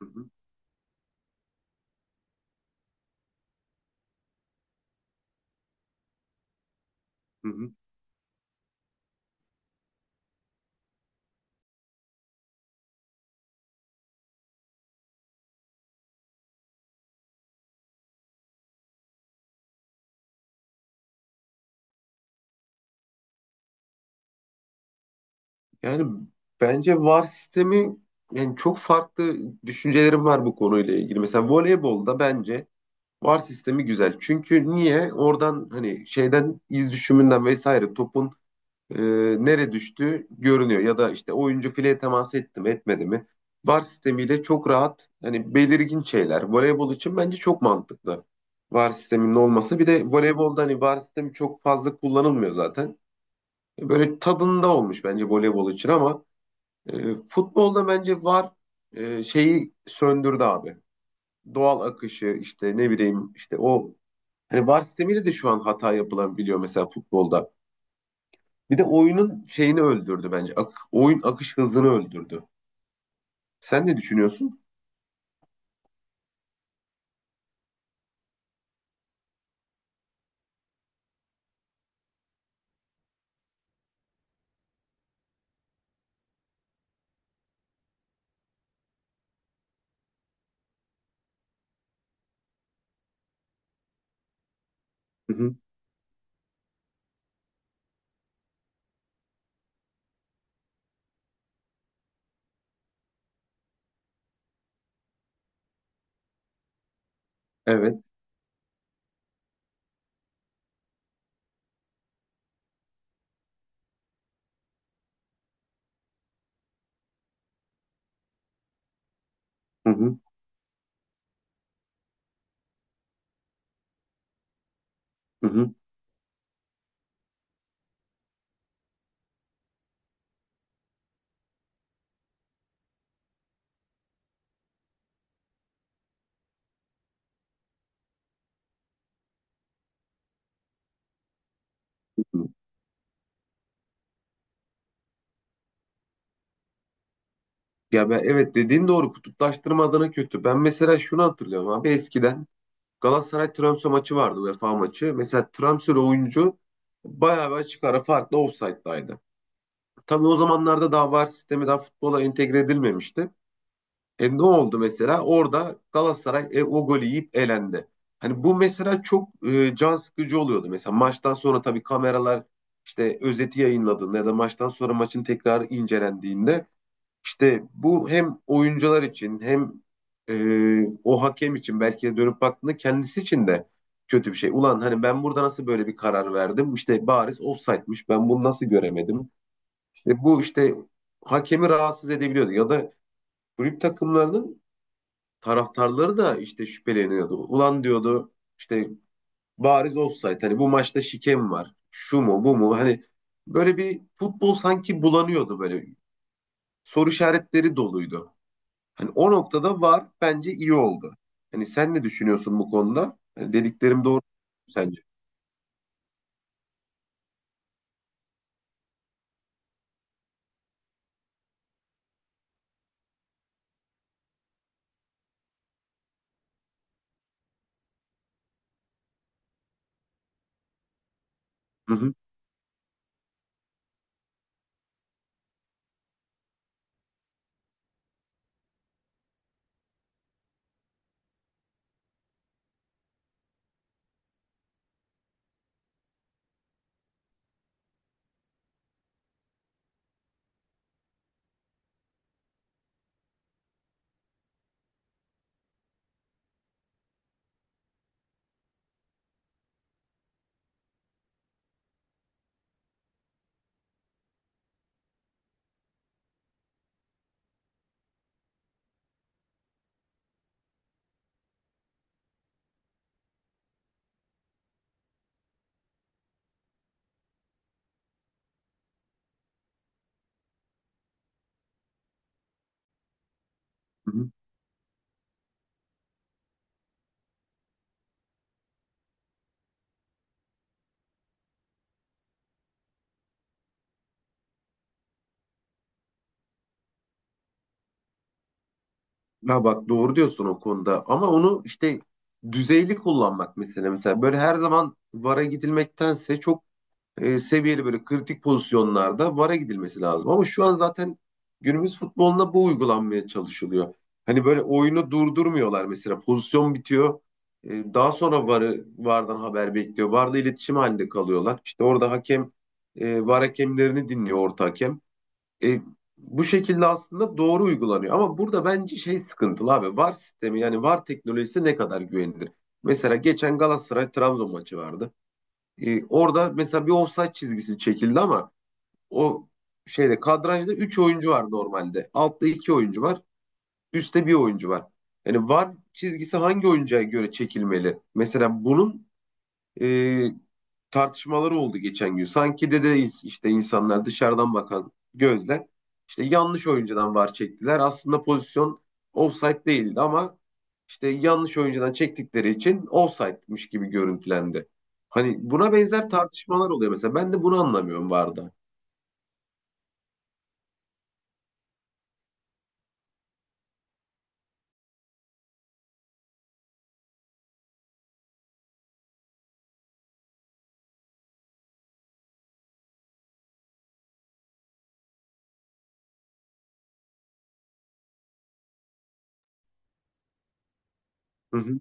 Hı hı, hı hı. Yani bence VAR sistemi, yani çok farklı düşüncelerim var bu konuyla ilgili. Mesela voleybolda bence VAR sistemi güzel. Çünkü niye? Oradan hani şeyden, iz düşümünden vesaire topun e, nere düştüğü görünüyor, ya da işte oyuncu fileye temas etti mi etmedi mi? VAR sistemiyle çok rahat, hani belirgin şeyler. Voleybol için bence çok mantıklı VAR sisteminin olması. Bir de voleybolda hani VAR sistemi çok fazla kullanılmıyor zaten. Böyle tadında olmuş bence voleybol için, ama futbolda bence var şeyi söndürdü abi. Doğal akışı, işte ne bileyim, işte o hani VAR sistemiyle de şu an hata yapılan biliyor mesela futbolda. Bir de oyunun şeyini öldürdü bence. Oyun akış hızını öldürdü. Sen ne düşünüyorsun? Hı hı. Evet. Hı hı. Hı hı. Hı hı. Ya, ben evet dediğin doğru, kutuplaştırma adına kötü. Ben mesela şunu hatırlıyorum abi, eskiden Galatasaray-Trabzon maçı vardı, UEFA maçı. Mesela transfer oyuncu bayağı bir açık ara farklı offside'daydı. Tabii o zamanlarda daha VAR sistemi daha futbola entegre edilmemişti. E, ne oldu mesela? Orada Galatasaray o golü yiyip elendi. Hani bu mesela çok can sıkıcı oluyordu. Mesela maçtan sonra tabii kameralar işte özeti yayınladığında, ya da maçtan sonra maçın tekrar incelendiğinde, işte bu hem oyuncular için, hem o hakem için belki de dönüp baktığında kendisi için de kötü bir şey. Ulan, hani ben burada nasıl böyle bir karar verdim? İşte bariz ofsaytmış. Ben bunu nasıl göremedim? İşte bu, işte hakemi rahatsız edebiliyordu. Ya da kulüp takımlarının taraftarları da işte şüpheleniyordu. Ulan, diyordu, işte bariz ofsayt. Hani bu maçta şikem var. Şu mu bu mu? Hani böyle bir futbol sanki bulanıyordu böyle. Soru işaretleri doluydu. Hani o noktada var bence iyi oldu. Hani sen ne düşünüyorsun bu konuda? Hani dediklerim doğru mu sence? Hı hı, hı hı. Ya bak, doğru diyorsun o konuda, ama onu işte düzeyli kullanmak mesela böyle her zaman VAR'a gidilmektense çok seviyeli, böyle kritik pozisyonlarda VAR'a gidilmesi lazım. Ama şu an zaten günümüz futboluna bu uygulanmaya çalışılıyor. Hani böyle oyunu durdurmuyorlar mesela, pozisyon bitiyor. E, daha sonra VAR'ı, VAR'dan haber bekliyor. VAR'la iletişim halinde kalıyorlar. İşte orada hakem, VAR hakemlerini dinliyor orta hakem. E, bu şekilde aslında doğru uygulanıyor. Ama burada bence şey sıkıntılı abi. VAR sistemi, yani VAR teknolojisi ne kadar güvenilir? Mesela geçen Galatasaray Trabzon maçı vardı. E, orada mesela bir offside çizgisi çekildi, ama o şeyde, kadrajda 3 oyuncu var normalde. Altta 2 oyuncu var, üstte bir oyuncu var. Yani VAR çizgisi hangi oyuncuya göre çekilmeli? Mesela bunun e, tartışmaları oldu geçen gün. Sanki dede, işte insanlar dışarıdan bakan gözle, işte yanlış oyuncudan var çektiler. Aslında pozisyon offside değildi, ama işte yanlış oyuncudan çektikleri için offside'miş gibi görüntülendi. Hani buna benzer tartışmalar oluyor mesela. Ben de bunu anlamıyorum VAR'da. Hı hı.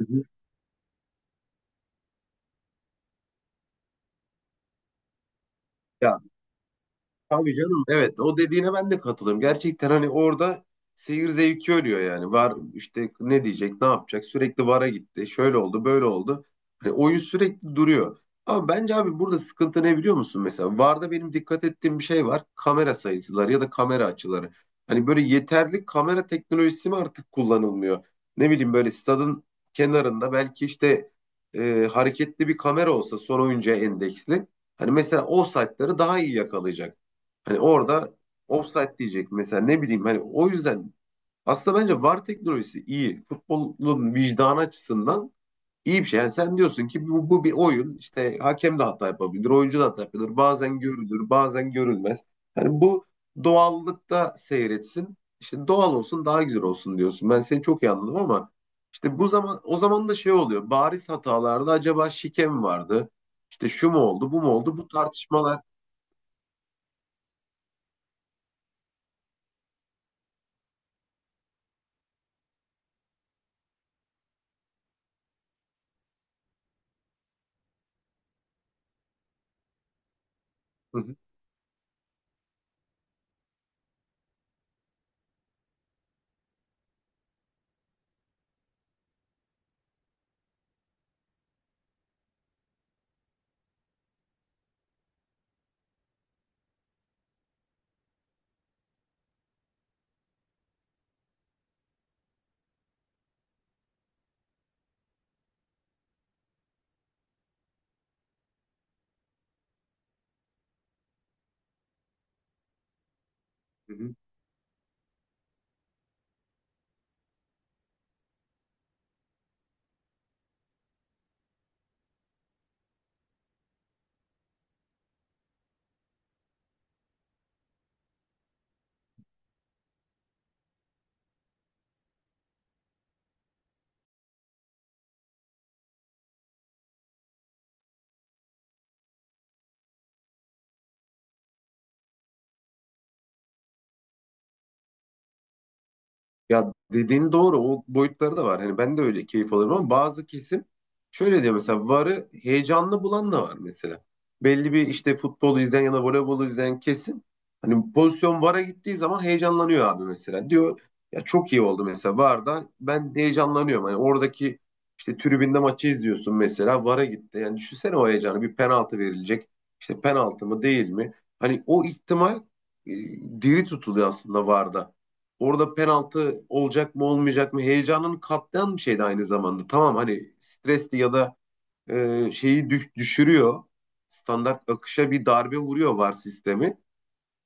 Hı hı. Ya, tabii canım. Evet, o dediğine ben de katılıyorum. Gerçekten hani orada seyir zevki ölüyor yani. Var işte ne diyecek, ne yapacak? Sürekli vara gitti. Şöyle oldu, böyle oldu. Hani oyun sürekli duruyor. Ama bence abi burada sıkıntı ne biliyor musun? Mesela VAR'da benim dikkat ettiğim bir şey var: kamera sayıları ya da kamera açıları. Hani böyle yeterli kamera teknolojisi mi artık kullanılmıyor? Ne bileyim, böyle stadın kenarında belki işte hareketli bir kamera olsa son oyuncuya endeksli. Hani mesela o saatleri daha iyi yakalayacak. Hani orada offside diyecek mesela, ne bileyim, hani o yüzden aslında bence VAR teknolojisi iyi. Futbolun vicdanı açısından iyi bir şey. Yani sen diyorsun ki bu bir oyun, işte hakem de hata yapabilir, oyuncu da hata yapabilir. Bazen görülür, bazen görülmez. Hani bu doğallıkta seyretsin. İşte doğal olsun, daha güzel olsun diyorsun. Ben seni çok iyi anladım, ama işte bu zaman, o zaman da şey oluyor: bariz hatalarda acaba şike mi vardı? İşte şu mu oldu, bu mu oldu? Bu tartışmalar. Hı hı. Hı hı. Ya, dediğin doğru. O boyutları da var. Hani ben de öyle keyif alırım, ama bazı kesim şöyle diyor mesela, VAR'ı heyecanlı bulan da var mesela. Belli bir işte futbolu izleyen ya da voleybolu izleyen kesin, hani pozisyon VAR'a gittiği zaman heyecanlanıyor abi mesela. Diyor ya çok iyi oldu mesela, VAR'da ben heyecanlanıyorum. Hani oradaki işte, tribünde maçı izliyorsun mesela, VAR'a gitti. Yani düşünsene, o heyecanı, bir penaltı verilecek. İşte penaltı mı değil mi? Hani o ihtimal e, diri tutuluyor aslında VAR'da. Orada penaltı olacak mı olmayacak mı heyecanını katlayan bir şeydi aynı zamanda. Tamam, hani stresli ya da şeyi düşürüyor. Standart akışa bir darbe vuruyor VAR sistemi.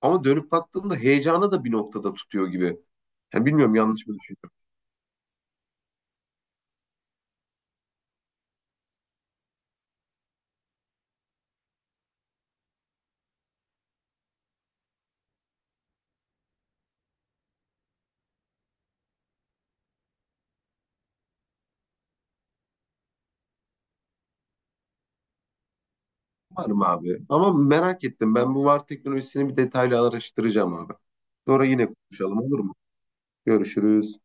Ama dönüp baktığında heyecanı da bir noktada tutuyor gibi. Yani bilmiyorum, yanlış mı düşünüyorum. Var mı abi? Ama merak ettim. Ben bu VAR teknolojisini bir detaylı araştıracağım abi. Sonra yine konuşalım, olur mu? Görüşürüz.